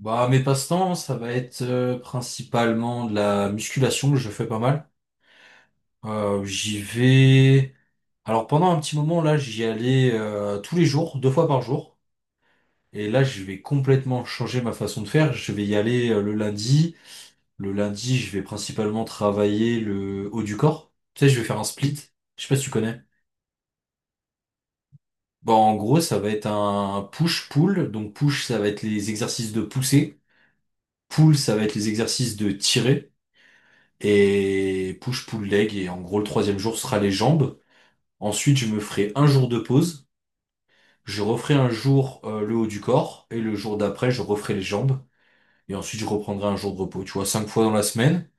Bah, mes passe-temps, ça va être principalement de la musculation que je fais pas mal. J'y vais. Alors pendant un petit moment là, j'y allais tous les jours, 2 fois par jour. Et là, je vais complètement changer ma façon de faire. Je vais y aller le lundi. Le lundi, je vais principalement travailler le haut du corps. Tu sais, je vais faire un split. Je sais pas si tu connais. Bon, en gros, ça va être un push-pull. Donc push, ça va être les exercices de pousser. Pull, ça va être les exercices de tirer. Et push pull leg, et en gros le troisième jour sera les jambes. Ensuite je me ferai un jour de pause, je referai un jour le haut du corps, et le jour d'après je referai les jambes, et ensuite je reprendrai un jour de repos. Tu vois, 5 fois dans la semaine,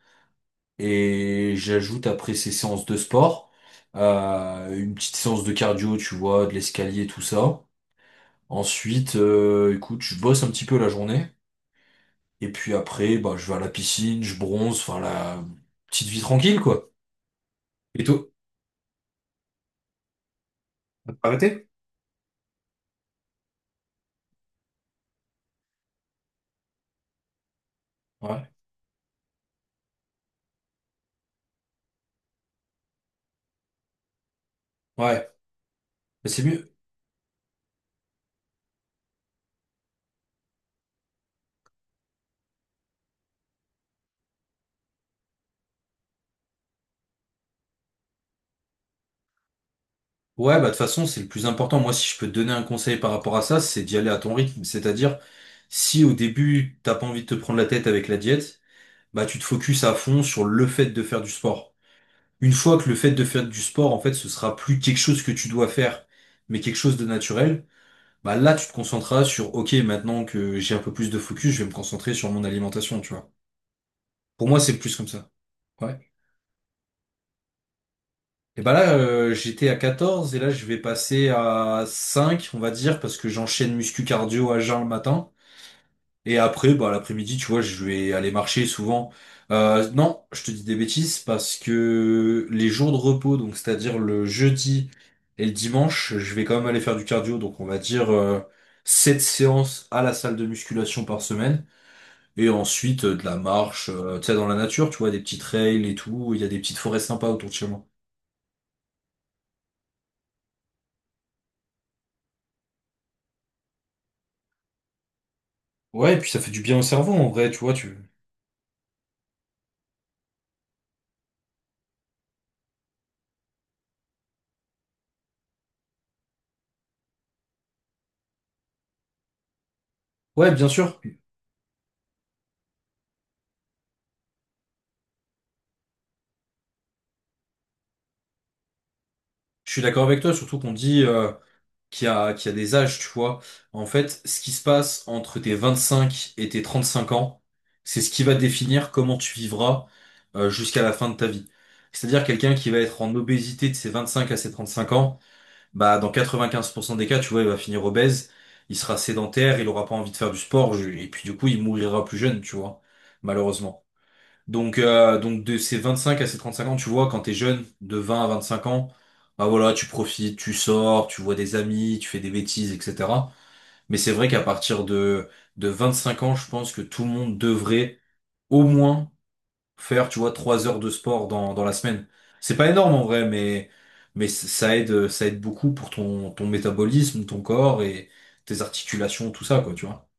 et j'ajoute après ces séances de sport une petite séance de cardio, tu vois, de l'escalier, tout ça. Ensuite, écoute, je bosse un petit peu la journée et puis après bah je vais à la piscine, je bronze, enfin la petite vie tranquille quoi. Et toi? Arrêtez? Ouais. Ouais. Mais c'est mieux. Ouais, bah de toute façon, c'est le plus important. Moi, si je peux te donner un conseil par rapport à ça, c'est d'y aller à ton rythme. C'est-à-dire, si au début, t'as pas envie de te prendre la tête avec la diète, bah tu te focuses à fond sur le fait de faire du sport. Une fois que le fait de faire du sport, en fait, ce sera plus quelque chose que tu dois faire, mais quelque chose de naturel, bah là, tu te concentreras sur, OK, maintenant que j'ai un peu plus de focus, je vais me concentrer sur mon alimentation, tu vois. Pour moi, c'est plus comme ça. Ouais. Et bah là, j'étais à 14, et là, je vais passer à 5 on va dire, parce que j'enchaîne muscu cardio à jeun le matin. Et après, bah, l'après-midi, tu vois, je vais aller marcher souvent. Non, je te dis des bêtises parce que les jours de repos, donc c'est-à-dire le jeudi et le dimanche, je vais quand même aller faire du cardio. Donc on va dire 7 séances à la salle de musculation par semaine. Et ensuite, de la marche, tu sais, dans la nature, tu vois, des petits trails et tout. Il y a des petites forêts sympas autour de chez moi. Ouais, et puis ça fait du bien au cerveau en vrai, tu vois, tu... Ouais, bien sûr. Je suis d'accord avec toi, surtout qu'on dit qu'il y a des âges, tu vois. En fait, ce qui se passe entre tes 25 et tes 35 ans, c'est ce qui va définir comment tu vivras jusqu'à la fin de ta vie. C'est-à-dire quelqu'un qui va être en obésité de ses 25 à ses 35 ans, bah dans 95% des cas, tu vois, il va finir obèse, il sera sédentaire, il aura pas envie de faire du sport, et puis du coup, il mourira plus jeune, tu vois, malheureusement. Donc de ces 25 à ces 35 ans, tu vois, quand t'es jeune, de 20 à 25 ans, bah voilà, tu profites, tu sors, tu vois des amis, tu fais des bêtises, etc. Mais c'est vrai qu'à partir de 25 ans, je pense que tout le monde devrait au moins faire, tu vois, 3 heures de sport dans, dans la semaine. C'est pas énorme en vrai, mais ça aide beaucoup pour ton métabolisme, ton corps et tes articulations, tout ça, quoi, tu vois.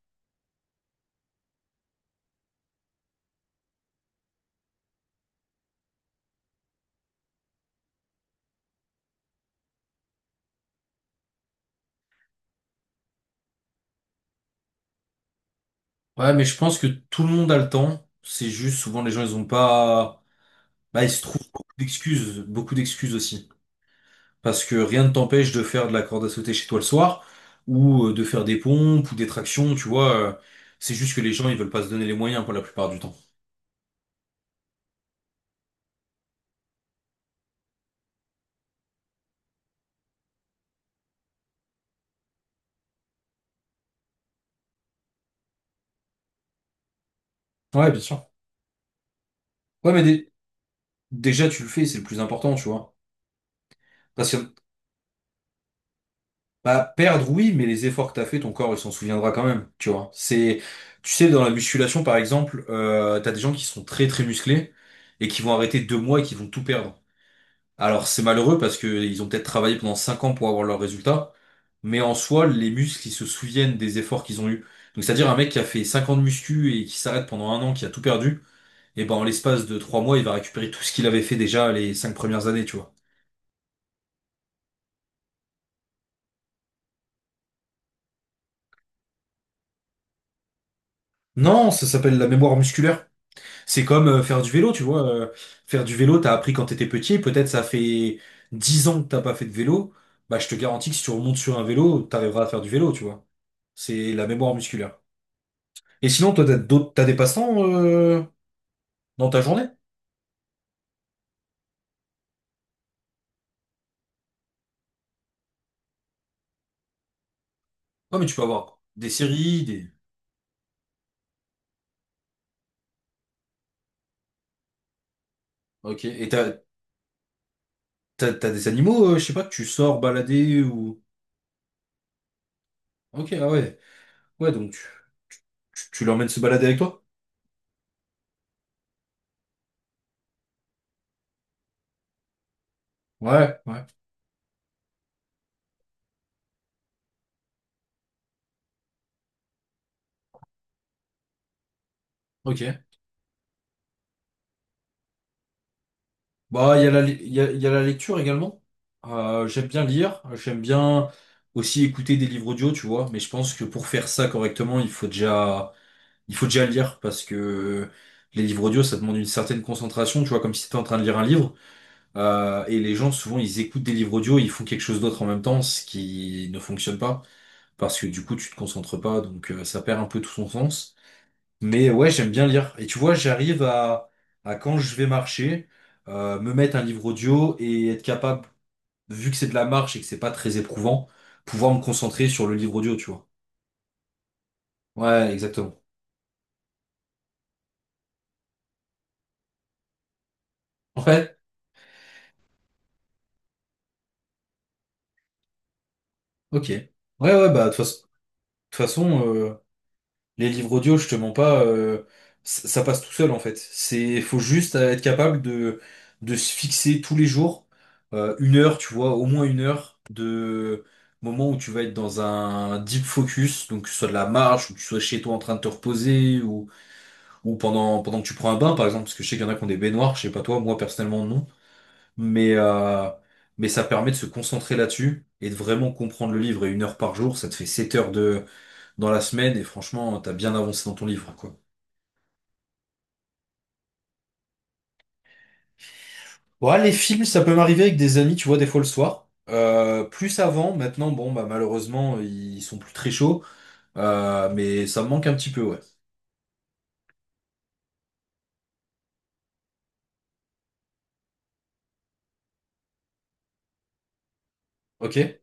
Ouais, mais je pense que tout le monde a le temps. C'est juste, souvent les gens, ils ont pas. Bah, il se trouve beaucoup d'excuses aussi. Parce que rien ne t'empêche de faire de la corde à sauter chez toi le soir, ou de faire des pompes ou des tractions, tu vois. C'est juste que les gens, ils veulent pas se donner les moyens pour la plupart du temps. Ouais, bien sûr. Ouais, mais déjà, tu le fais, c'est le plus important, tu vois. Parce que, bah, perdre, oui, mais les efforts que t'as fait, ton corps, il s'en souviendra quand même, tu vois. C'est, tu sais, dans la musculation, par exemple, t'as des gens qui sont très, très musclés et qui vont arrêter 2 mois et qui vont tout perdre. Alors c'est malheureux parce que ils ont peut-être travaillé pendant 5 ans pour avoir leurs résultats, mais en soi, les muscles, ils se souviennent des efforts qu'ils ont eus. Donc c'est-à-dire un mec qui a fait 5 ans de muscu et qui s'arrête pendant 1 an, qui a tout perdu, et ben en l'espace de 3 mois, il va récupérer tout ce qu'il avait fait déjà les 5 premières années, tu vois. Non, ça s'appelle la mémoire musculaire. C'est comme faire du vélo, tu vois. Faire du vélo, t'as appris quand t'étais petit, peut-être ça fait 10 ans que t'as pas fait de vélo, bah je te garantis que si tu remontes sur un vélo, t'arriveras à faire du vélo, tu vois. C'est la mémoire musculaire. Et sinon, toi, t'as des passe-temps dans ta journée? Ouais, mais tu peux avoir des séries, des... Ok, et t'as des animaux, je sais pas, que tu sors balader ou... Ok, ah ouais. Ouais, donc tu l'emmènes se balader avec toi? Ouais, ouais. Ok. Bah, il y a la lecture également. J'aime bien lire, j'aime bien aussi écouter des livres audio, tu vois, mais je pense que pour faire ça correctement, il faut déjà lire parce que les livres audio, ça demande une certaine concentration, tu vois, comme si t'étais en train de lire un livre. Et les gens, souvent, ils écoutent des livres audio, ils font quelque chose d'autre en même temps, ce qui ne fonctionne pas, parce que du coup, tu te concentres pas, donc ça perd un peu tout son sens. Mais ouais, j'aime bien lire. Et tu vois, j'arrive à quand je vais marcher, me mettre un livre audio et être capable, vu que c'est de la marche et que c'est pas très éprouvant, pouvoir me concentrer sur le livre audio, tu vois. Ouais, exactement. Ouais, ok. Ouais, ouais, bah, de toute façon, les livres audio, je te mens pas, ça passe tout seul en fait. C'est, faut juste être capable de se fixer tous les jours 1 heure, tu vois, au moins 1 heure de moment où tu vas être dans un deep focus, donc que ce soit de la marche, ou que tu sois chez toi en train de te reposer, ou pendant que tu prends un bain par exemple, parce que je sais qu'il y en a qui ont des baignoires, je sais pas toi, moi personnellement non, mais, euh, mais ça permet de se concentrer là-dessus et de vraiment comprendre le livre. Et 1 heure par jour, ça te fait 7 heures dans la semaine et franchement, t'as bien avancé dans ton livre, quoi. Ouais, les films, ça peut m'arriver avec des amis, tu vois, des fois le soir. Plus avant, maintenant, bon, bah malheureusement, ils sont plus très chauds. Mais ça me manque un petit peu, ouais. Ok?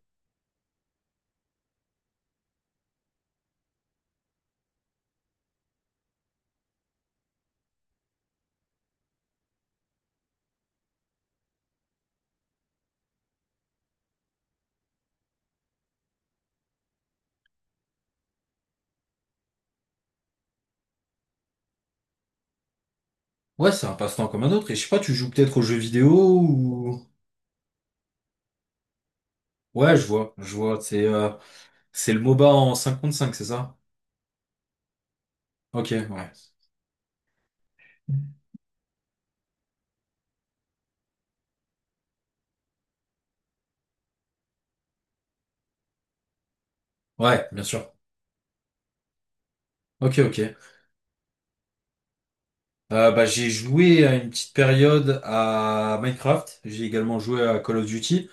Ouais, c'est un passe-temps comme un autre. Et je sais pas, tu joues peut-être aux jeux vidéo ou... Ouais, je vois, je vois. C'est le MOBA en 5 contre 5, c'est ça? Ok, ouais. Ouais, bien sûr. Ok, ok. Bah, j'ai joué à une petite période à Minecraft, j'ai également joué à Call of Duty,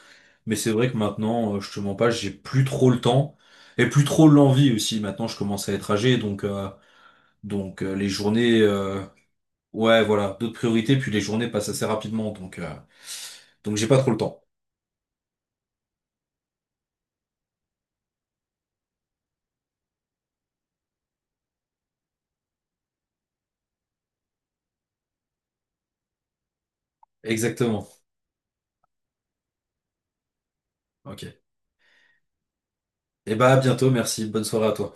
mais c'est vrai que maintenant, je te mens pas, j'ai plus trop le temps et plus trop l'envie aussi. Maintenant, je commence à être âgé, les journées, ouais, voilà, d'autres priorités, puis les journées passent assez rapidement, donc j'ai pas trop le temps. Exactement. Ok. Et bah à bientôt, merci, bonne soirée à toi.